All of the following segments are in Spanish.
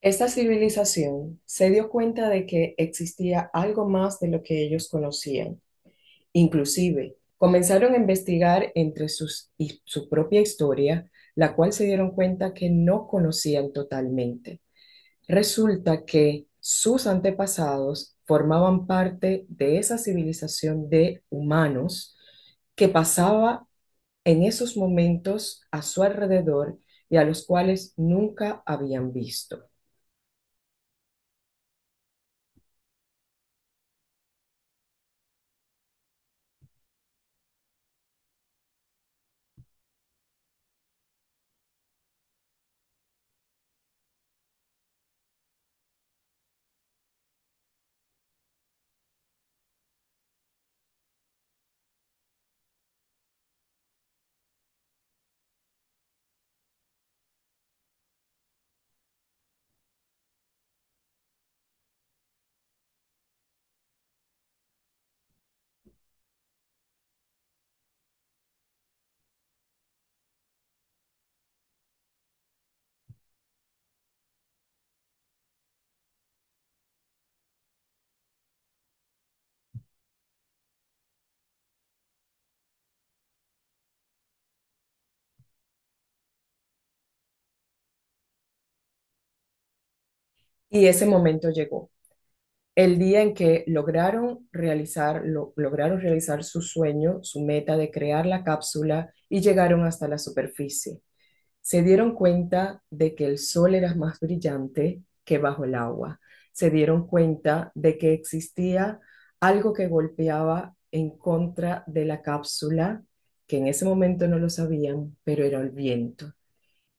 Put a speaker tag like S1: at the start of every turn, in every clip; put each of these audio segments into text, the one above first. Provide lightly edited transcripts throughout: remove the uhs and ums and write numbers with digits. S1: Esta civilización se dio cuenta de que existía algo más de lo que ellos conocían. Inclusive, comenzaron a investigar y su propia historia, la cual se dieron cuenta que no conocían totalmente. Resulta que sus antepasados formaban parte de esa civilización de humanos que pasaba en esos momentos a su alrededor y a los cuales nunca habían visto. Y ese momento llegó. El día en que lograron realizar su sueño, su meta de crear la cápsula y llegaron hasta la superficie. Se dieron cuenta de que el sol era más brillante que bajo el agua. Se dieron cuenta de que existía algo que golpeaba en contra de la cápsula, que en ese momento no lo sabían, pero era el viento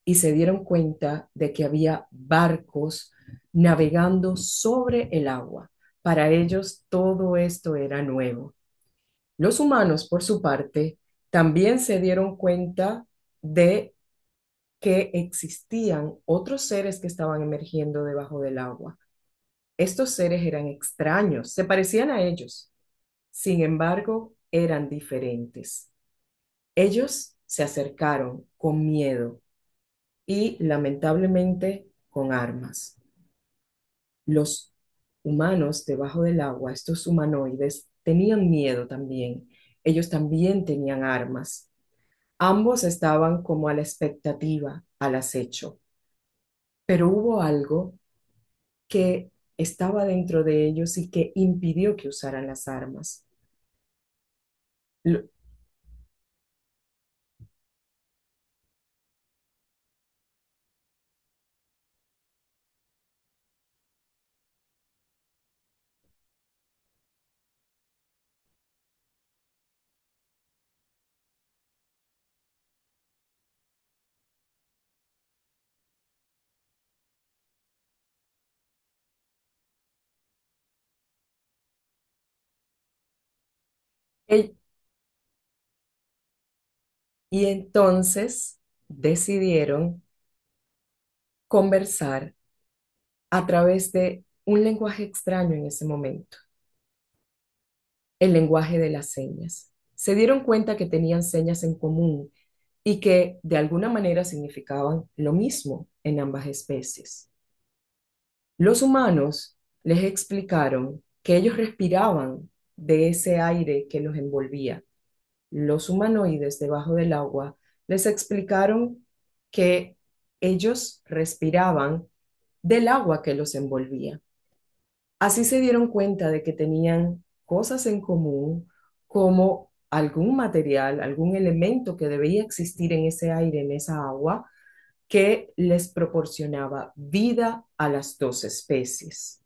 S1: y se dieron cuenta de que había barcos navegando sobre el agua. Para ellos todo esto era nuevo. Los humanos, por su parte, también se dieron cuenta de que existían otros seres que estaban emergiendo debajo del agua. Estos seres eran extraños, se parecían a ellos, sin embargo, eran diferentes. Ellos se acercaron con miedo y lamentablemente con armas. Los humanos debajo del agua, estos humanoides, tenían miedo también. Ellos también tenían armas. Ambos estaban como a la expectativa, al acecho. Pero hubo algo que estaba dentro de ellos y que impidió que usaran las armas. Y entonces decidieron conversar a través de un lenguaje extraño en ese momento, el lenguaje de las señas. Se dieron cuenta que tenían señas en común, y que de alguna manera significaban lo mismo en ambas especies. Los humanos les explicaron que ellos respiraban de ese aire que los envolvía. Los humanoides debajo del agua les explicaron que ellos respiraban del agua que los envolvía. Así se dieron cuenta de que tenían cosas en común como algún material, algún elemento que debía existir en ese aire, en esa agua, que les proporcionaba vida a las dos especies.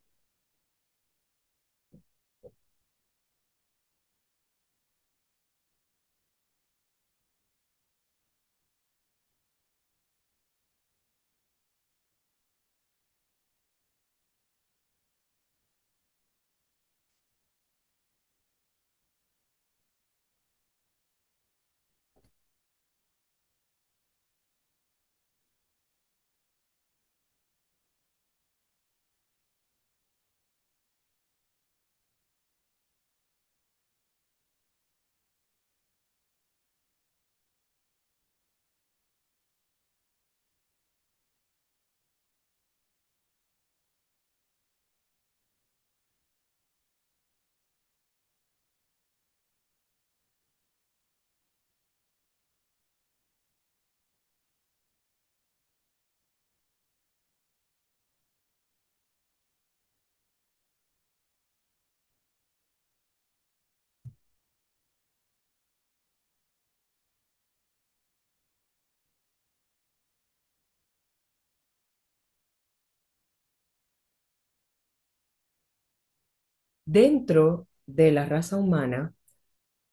S1: Dentro de la raza humana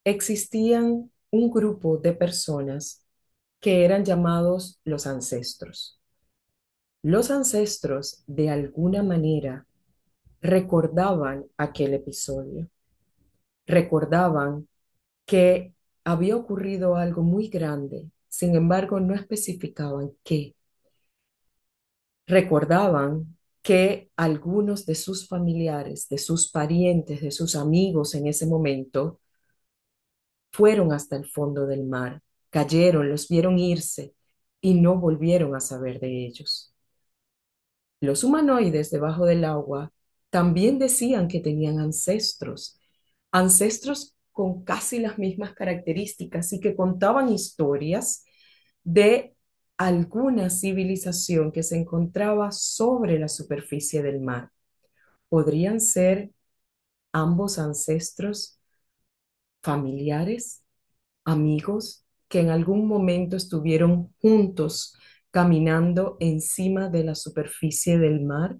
S1: existían un grupo de personas que eran llamados los ancestros. Los ancestros, de alguna manera, recordaban aquel episodio, recordaban que había ocurrido algo muy grande, sin embargo no especificaban qué recordaban que algunos de sus familiares, de sus parientes, de sus amigos en ese momento, fueron hasta el fondo del mar, cayeron, los vieron irse y no volvieron a saber de ellos. Los humanoides debajo del agua también decían que tenían ancestros, ancestros con casi las mismas características y que contaban historias de alguna civilización que se encontraba sobre la superficie del mar. ¿Podrían ser ambos ancestros familiares, amigos, que en algún momento estuvieron juntos caminando encima de la superficie del mar?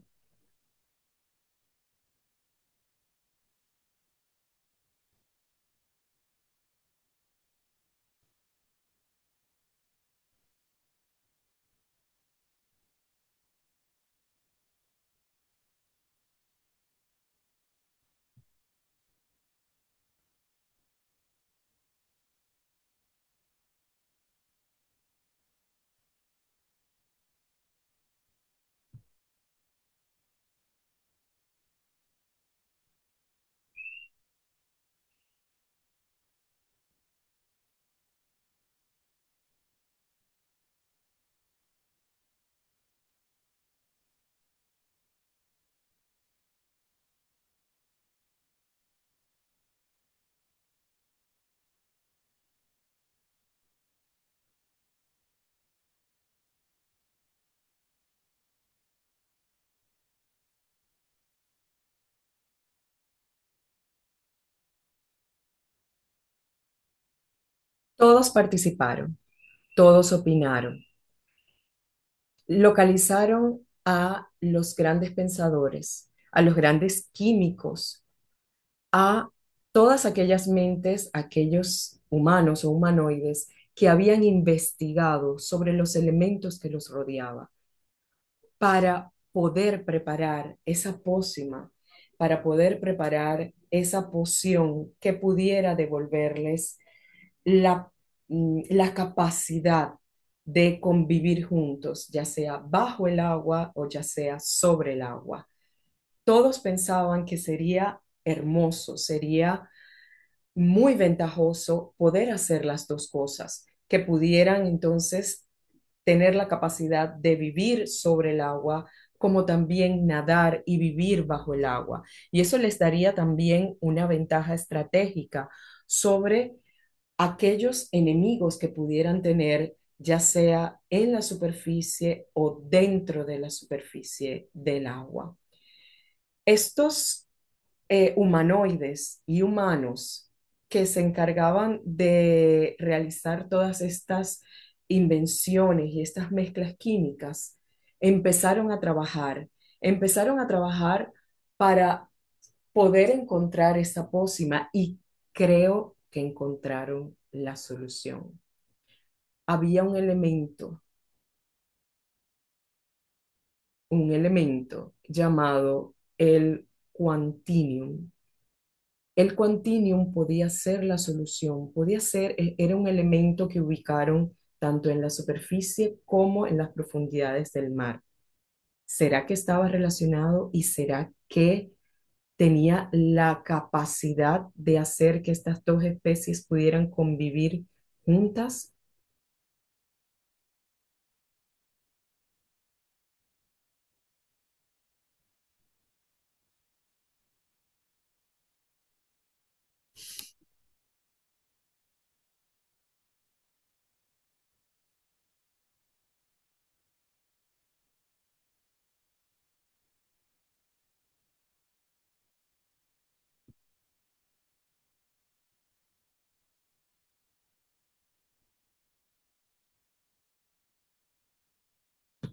S1: Todos participaron, todos opinaron, localizaron a los grandes pensadores, a los grandes químicos, a todas aquellas mentes, aquellos humanos o humanoides que habían investigado sobre los elementos que los rodeaba para poder preparar esa pócima, para poder preparar esa poción que pudiera devolverles la, la capacidad de convivir juntos, ya sea bajo el agua o ya sea sobre el agua. Todos pensaban que sería hermoso, sería muy ventajoso poder hacer las dos cosas, que pudieran entonces tener la capacidad de vivir sobre el agua, como también nadar y vivir bajo el agua. Y eso les daría también una ventaja estratégica sobre aquellos enemigos que pudieran tener, ya sea en la superficie o dentro de la superficie del agua. Estos humanoides y humanos que se encargaban de realizar todas estas invenciones y estas mezclas químicas, empezaron a trabajar, empezaron a trabajar para poder encontrar esta pócima y creo que encontraron la solución. Había un elemento llamado el quantinium. El quantinium podía ser la solución, podía ser, era un elemento que ubicaron tanto en la superficie como en las profundidades del mar. ¿Será que estaba relacionado y será que tenía la capacidad de hacer que estas dos especies pudieran convivir juntas?